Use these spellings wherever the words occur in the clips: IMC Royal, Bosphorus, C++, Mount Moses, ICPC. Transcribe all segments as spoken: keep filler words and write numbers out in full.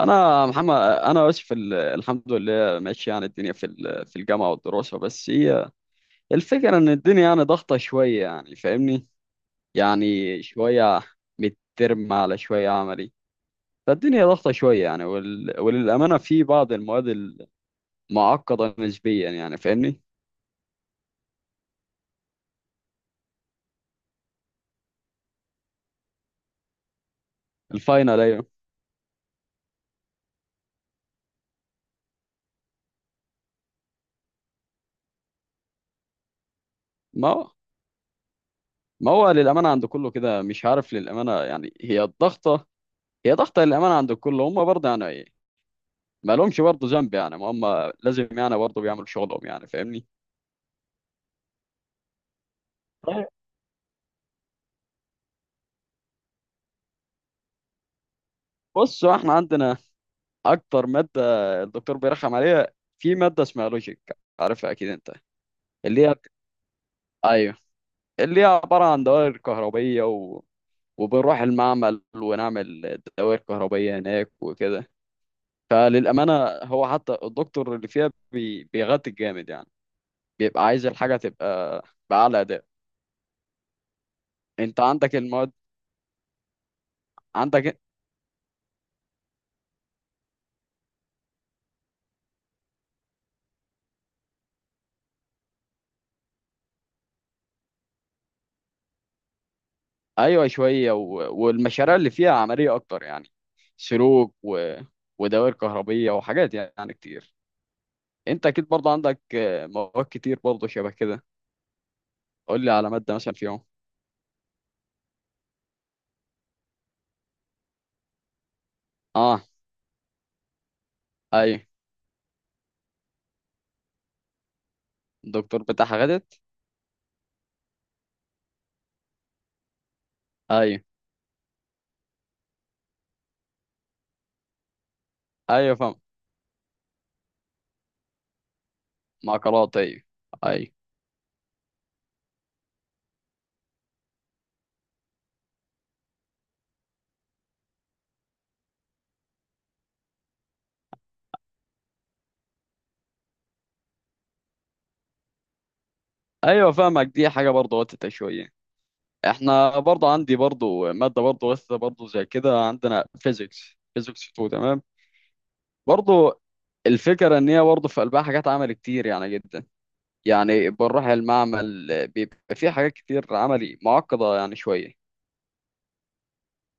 انا محمد، انا اسف. ال- الحمد لله ماشي. يعني الدنيا في ال- في الجامعه والدراسه، بس هي الفكره ان الدنيا يعني ضغطه شويه، يعني فاهمني. يعني شويه مترم على شويه عملي، فالدنيا ضغطه شويه يعني. وال... وللامانه في بعض المواد المعقده نسبيا يعني فاهمني. الفاينل ايوه. ما هو ما هو للامانه عند كله كده، مش عارف، للامانه يعني هي الضغطه، هي ضغطه للامانه عند الكل. هم برضه يعني ما لهمش برضه ذنب، يعني ما هم لازم يعني برضه بيعملوا شغلهم يعني فاهمني. طيب، بص هو احنا عندنا اكتر ماده الدكتور بيرخم عليها في ماده اسمها لوجيك، عارفها اكيد انت. اللي هي ايوه، اللي هي عباره عن دوائر كهربيه و... وبنروح المعمل ونعمل دوائر كهربيه هناك وكده. فللامانه هو حتى الدكتور اللي فيها بي... بيغطي جامد يعني، بيبقى عايز الحاجه تبقى باعلى اداء. انت عندك المواد عندك. ايوه شويه و... والمشاريع اللي فيها عمليه اكتر يعني، سلوك و... ودوائر كهربيه وحاجات يعني كتير. انت اكيد برضه عندك آه، مواد كتير برضه شبه كده. قول لي على ماده مثلا فيهم. اه ايوه الدكتور بتاعها غدت. ايوه، ايوه فاهم، معقلات ايوه، ايوه، ايوه فاهمك، دي حاجه برضه وقتها شويه. احنا برضه عندي برضه ماده برضه وقتها برضه زي كده، عندنا فيزيكس، فيزيكس اتنين، تمام؟ برضه الفكره ان هي برضه في قلبها حاجات عمل كتير يعني جدا. يعني بنروح المعمل بيبقى فيه حاجات كتير عملي معقدة يعني شوية.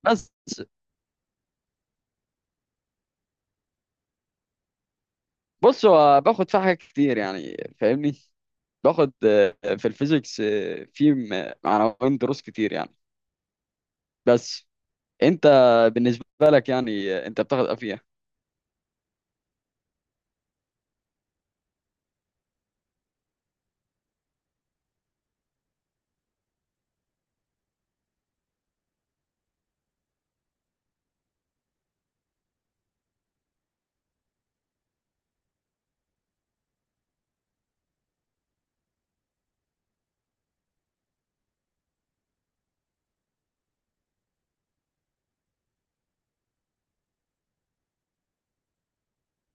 بس بص هو باخد فيها حاجات كتير يعني فاهمني. باخد آه، في الفيزيكس آه، في م- عناوين دروس كتير يعني. بس انت بالنسبة لك يعني آه، انت بتاخد افيه.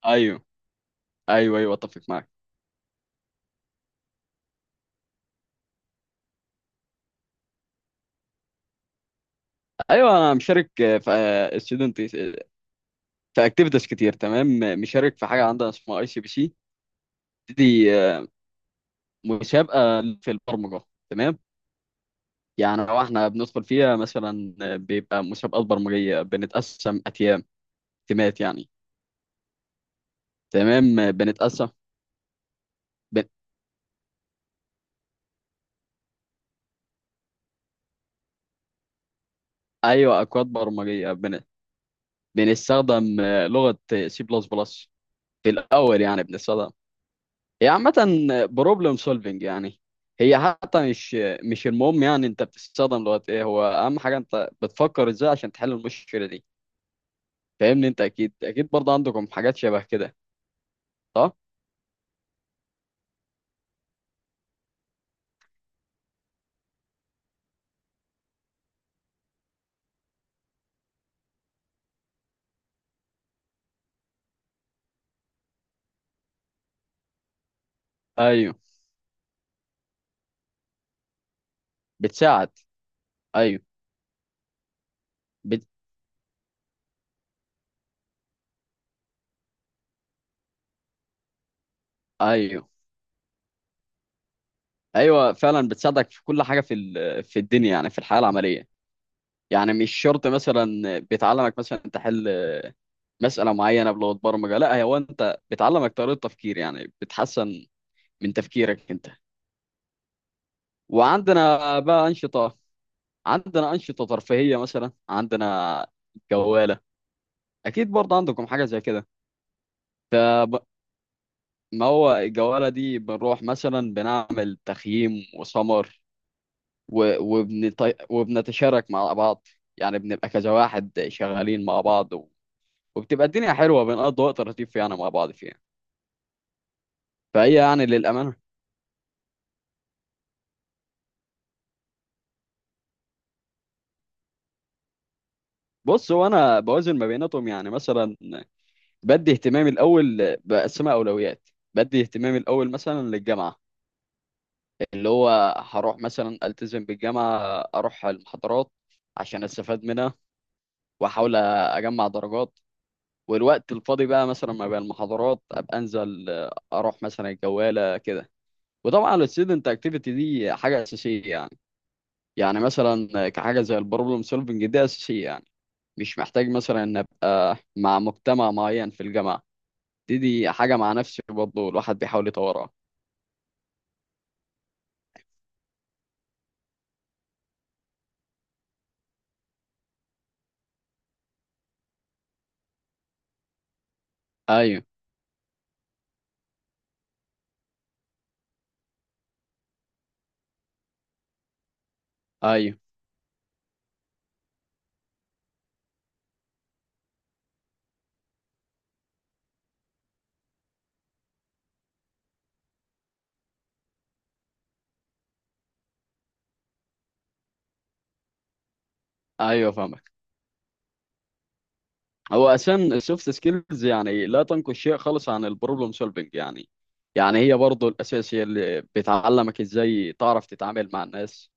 ايوه، ايوه، ايوه اتفق معاك. ايوه انا مشارك آه، في ستودنت، في اكتيفيتيز كتير تمام. مشارك في حاجه عندنا اسمها اي سي بي سي، دي آه، مسابقه في البرمجه تمام. يعني لو احنا بندخل فيها مثلا بيبقى مسابقات برمجية، بنتقسم أتيام، تيمات يعني. تمام بنتقسم. بن... أيوة، أكواد برمجية، بن... بنستخدم لغة سي بلس بلس في الأول. يعني بنستخدم، هي عامة بروبلم سولفينج يعني. هي حتى مش مش المهم يعني أنت بتستخدم لغة إيه، هو أهم حاجة أنت بتفكر إزاي عشان تحل المشكلة دي، فاهمني. أنت أكيد، أكيد برضه عندكم حاجات شبه كده، صح؟ أيوه بتساعد. أيوه بت... أيوه، ايوه فعلا بتساعدك في كل حاجه في ال- في الدنيا يعني، في الحياه العمليه. يعني مش شرط مثلا بتعلمك مثلا تحل مساله معينه بلغه برمجه، لا، هو انت بتعلمك طريقه تفكير يعني بتحسن من تفكيرك انت. وعندنا بقى انشطه، عندنا انشطه ترفيهيه، مثلا عندنا جواله، اكيد برضه عندكم حاجه زي كده. فما هو الجواله دي بنروح مثلا بنعمل تخييم وسمر، و- وبنط... وبنتشارك مع بعض، يعني بنبقى كذا واحد شغالين مع بعض، و... وبتبقى الدنيا حلوة، بنقضي وقت لطيف يعني مع بعض فيها. فهي يعني للأمانة، بص هو أنا بوازن ما بيناتهم. يعني مثلا بدي اهتمامي الأول بقسمها أولويات، بدي اهتمامي الأول مثلا للجامعة اللي هو هروح مثلا ألتزم بالجامعة، أروح المحاضرات عشان أستفاد منها وأحاول أجمع درجات. والوقت الفاضي بقى مثلا ما بين المحاضرات أبقى أنزل أروح مثلا الجوالة كده. وطبعا ال student activity دي حاجة أساسية يعني، يعني مثلا كحاجة زي ال problem solving دي أساسية يعني. مش محتاج مثلا إن أبقى مع مجتمع معين في الجامعة، دي دي حاجة مع نفسي برضه الواحد بيحاول يطورها. أيوه، أيوه، أيوه فاهمك. هو أساسا السوفت سكيلز يعني لا تنقص شيء خالص عن ال problem solving يعني، يعني هي برضه الأساس، هي اللي بتعلمك إزاي تعرف تتعامل مع الناس،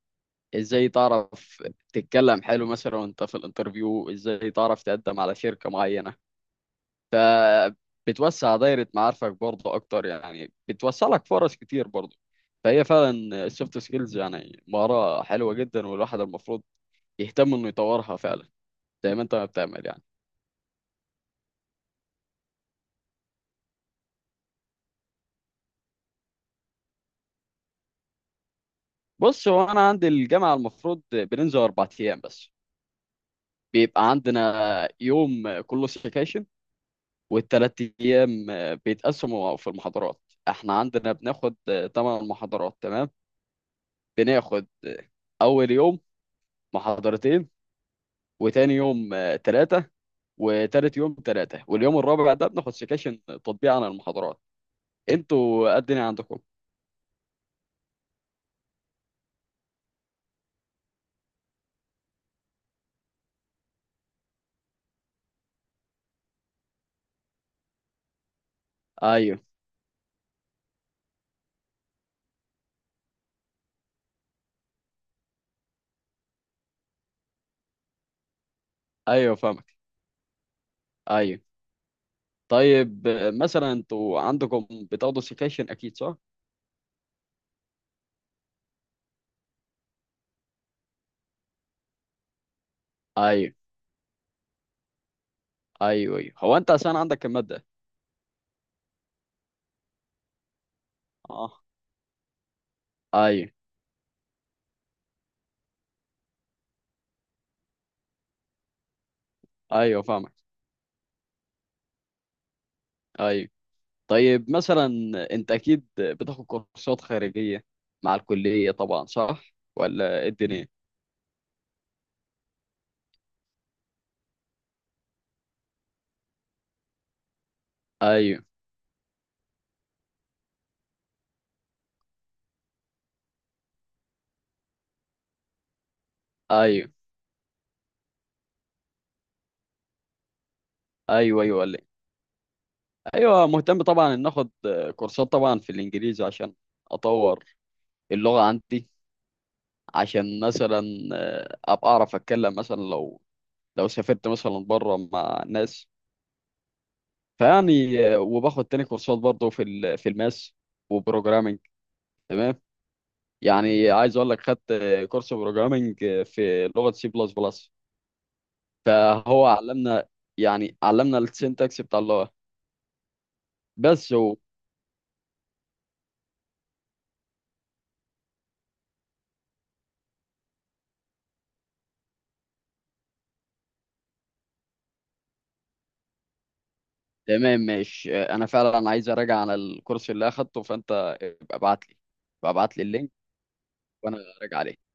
ازاي تعرف تتكلم حلو مثلا وانت في الانترفيو، ازاي تعرف تقدم على شركة معينة. فبتوسع دايرة معارفك برضه اكتر، يعني بتوسع لك فرص كتير برضه. فهي فعلا السوفت سكيلز يعني مهارة حلوة جدا، والواحد المفروض يهتم انه يطورها فعلا، زي ما انت ما بتعمل يعني. بص هو انا عندي الجامعة المفروض بننزل اربع ايام بس. بيبقى عندنا يوم كله سكاشن، والتلات أيام آه، بيتقسموا في المحاضرات. احنا عندنا بناخد آه، تمن محاضرات تمام. بناخد آه، أول يوم محاضرتين، وتاني يوم آه، تلاتة، وتالت يوم تلاتة، واليوم الرابع ده بناخد سكاشن تطبيق عن المحاضرات. انتوا قد إيه عندكم؟ ايوه، ايوه فاهمك ايوه. طيب آه، مثلا انتوا عندكم بتاخدوا سكاشن اكيد، صح؟ ايوه، ايوه، ايوه هو انت عشان عندك المادة. اه ايوه، ايوه فاهمك ايوه. طيب مثلا انت اكيد بتاخد كورسات خارجية مع الكلية طبعا، صح؟ ولا ايه الدنيا؟ ايوه، ايوه، ايوه، ايوه، ولا إيه؟ ايوه، مهتم طبعا ان اخد كورسات طبعا في الانجليزي عشان اطور اللغة عندي، عشان مثلا ابقى اعرف اتكلم مثلا لو لو سافرت مثلا بره مع ناس. فيعني وباخد تاني كورسات برضه في ال- في الماس وبروجرامينج تمام. يعني عايز اقول لك خدت كورس بروجرامينج في لغة سي بلس بلس، فهو علمنا، يعني علمنا السنتكس بتاع اللغه بس هو. تمام ماشي، آه، انا فعلا عايز اراجع على الكورس اللي اخدته، فانت ابقى ابعت لي، ابقى ابعت لي اللينك وانا اراجع عليه.